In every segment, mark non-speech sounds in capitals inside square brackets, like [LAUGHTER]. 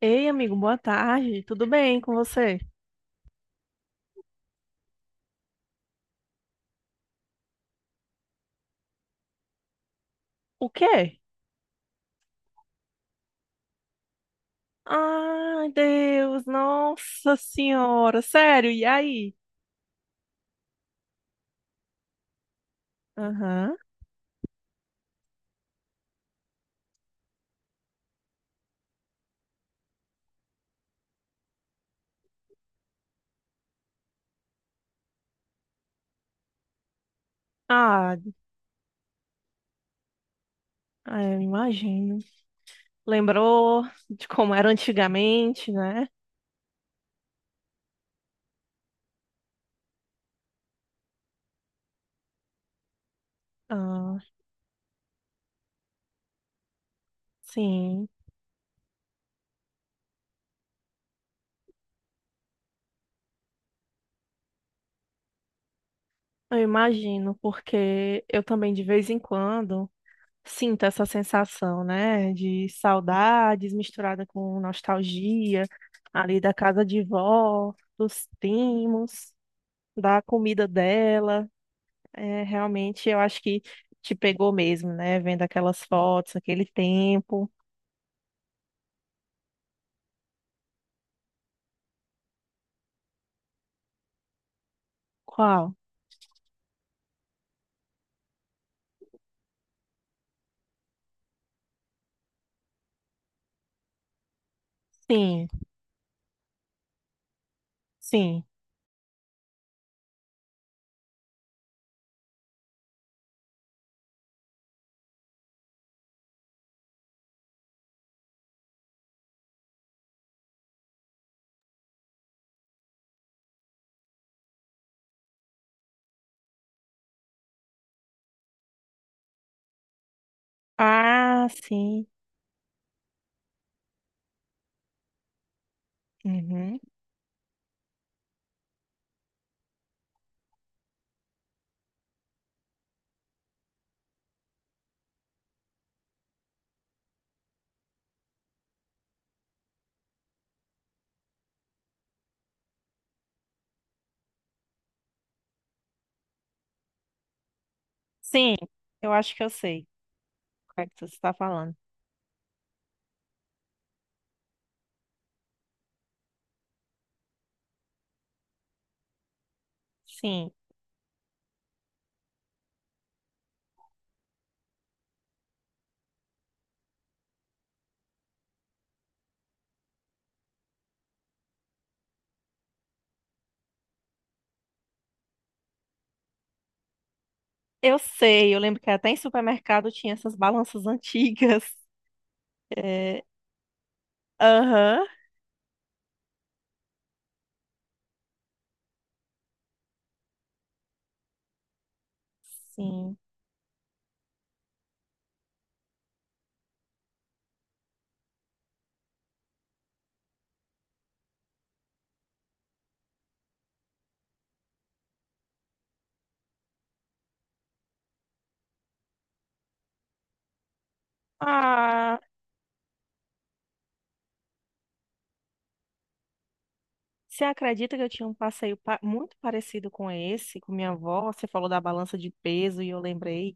Ei, amigo, boa tarde. Tudo bem com você? O quê? Ai, Deus, nossa senhora, sério, e aí? Aham. Ah, ah, eu imagino. Lembrou de como era antigamente, né? Ah, sim, eu imagino, porque eu também de vez em quando sinto essa sensação, né? De saudades misturada com nostalgia ali da casa de vó, dos primos, da comida dela. É, realmente, eu acho que te pegou mesmo, né? Vendo aquelas fotos, aquele tempo. Qual? Sim, sim. Ah, sim. Uhum. Sim, eu acho que eu sei o que é que você está falando. Sim, eu sei. Eu lembro que até em supermercado tinha essas balanças [LAUGHS] antigas. É. Aham. Sim. Ah, você acredita que eu tinha um passeio muito parecido com esse, com minha avó? Você falou da balança de peso e eu lembrei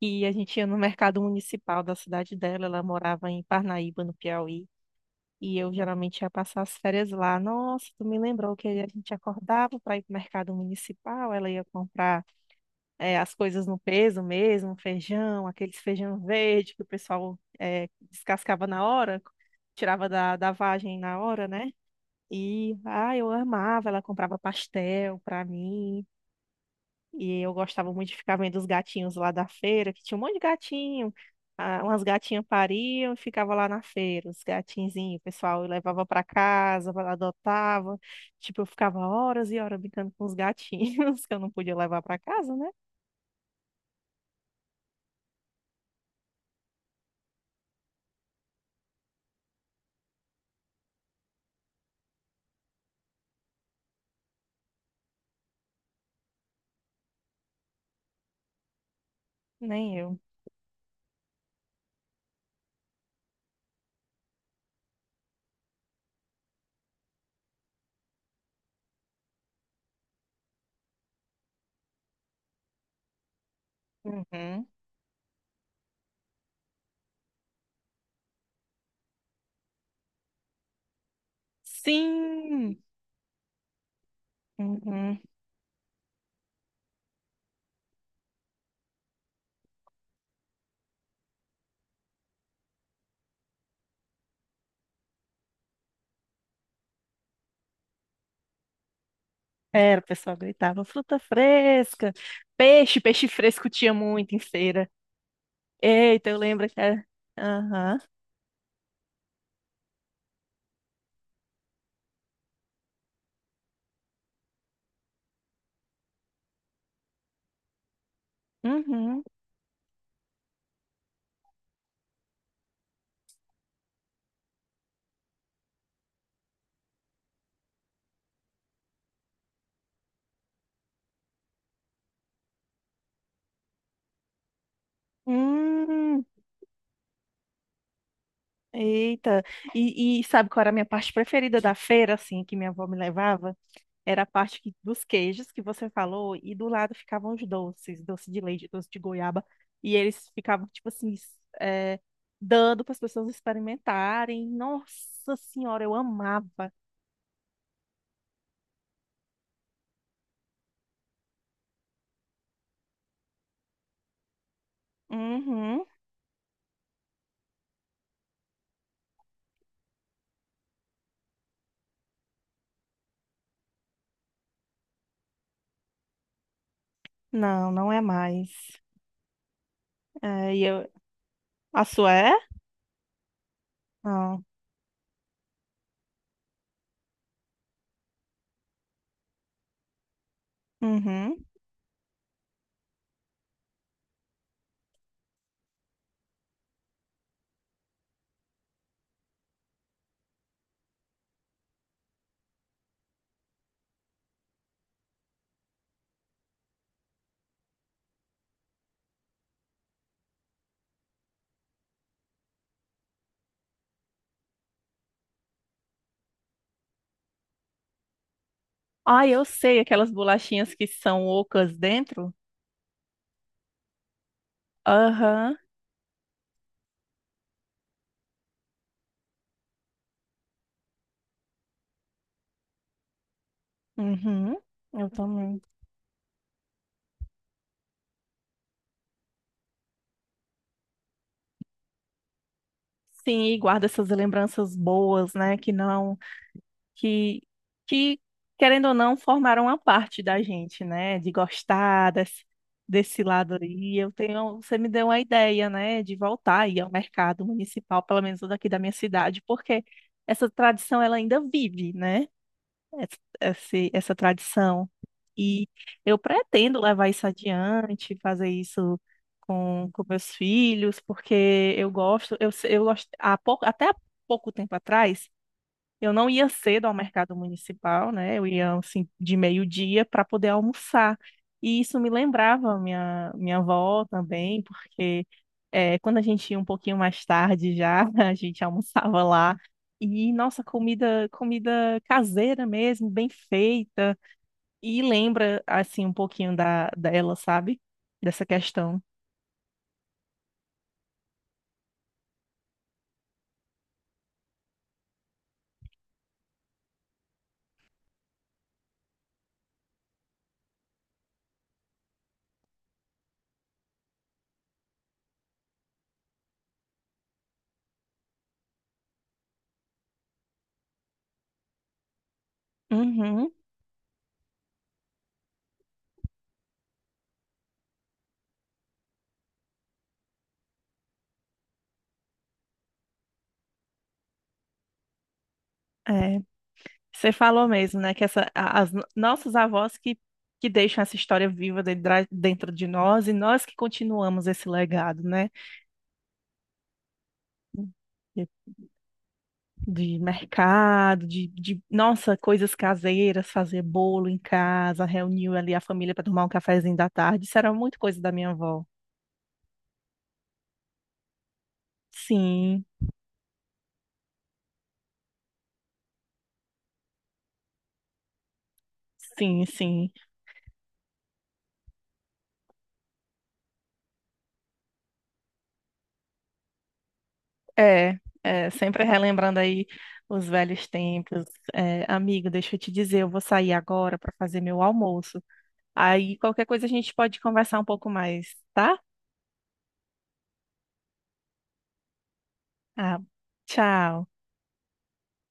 que a gente ia no mercado municipal da cidade dela. Ela morava em Parnaíba, no Piauí, e eu geralmente ia passar as férias lá. Nossa, tu me lembrou que a gente acordava para ir para o mercado municipal. Ela ia comprar as coisas no peso mesmo, feijão, aqueles feijão verde que o pessoal descascava na hora, tirava da vagem na hora, né? E, ah, eu amava, ela comprava pastel para mim. E eu gostava muito de ficar vendo os gatinhos lá da feira, que tinha um monte de gatinho. Ah, umas gatinhas pariam e ficava lá na feira, os gatinzinhos, o pessoal levava para casa, adotava. Tipo, eu ficava horas e horas brincando com os gatinhos, [LAUGHS] que eu não podia levar para casa, né? Nem eu. Uhum. Sim! Uhum. Era, o pessoal gritava, fruta fresca, peixe, peixe fresco tinha muito em feira. Eita, eu lembro que era. Aham. Uhum. Hum. Eita, e sabe qual era a minha parte preferida da feira, assim, que minha avó me levava? Era a parte dos queijos que você falou, e do lado ficavam os doces, doce de leite, doce de goiaba, e eles ficavam, tipo assim, é, dando para as pessoas experimentarem. Nossa Senhora, eu amava. Uhum. Não, não é mais. É, e eu... A sua é? Não. Uhum. Ah, eu sei, aquelas bolachinhas que são ocas dentro. Aham. Uhum. Eu também. Sim, e guarda essas lembranças boas, né? Que, que querendo ou não, formaram uma parte da gente, né? De gostar desse lado aí. Eu tenho, você me deu uma ideia, né? De voltar aí ao mercado municipal, pelo menos o daqui da minha cidade, porque essa tradição ela ainda vive, né? Essa tradição. E eu pretendo levar isso adiante, fazer isso com meus filhos, porque eu gosto, eu, se- eu gosto, há pouco, até há pouco tempo atrás, eu não ia cedo ao mercado municipal, né? Eu ia assim de meio-dia para poder almoçar. E isso me lembrava a minha avó também, porque é, quando a gente ia um pouquinho mais tarde já, [LAUGHS] a gente almoçava lá. E nossa, comida caseira mesmo, bem feita. E lembra assim um pouquinho da dela, sabe? Dessa questão. Uhum, é. Você falou mesmo, né, que essa, a- as no- nossas avós que deixam essa história viva de dentro de nós, e nós que continuamos esse legado, né? De, de mercado, nossa, coisas caseiras, fazer bolo em casa, reunir ali a família para tomar um cafezinho da tarde, isso era muito coisa da minha avó. Sim, sim, sim. É, é, sempre relembrando aí os velhos tempos. É, amigo, deixa eu te dizer, eu vou sair agora para fazer meu almoço. Aí qualquer coisa a gente pode conversar um pouco mais, tá? Ah, tchau.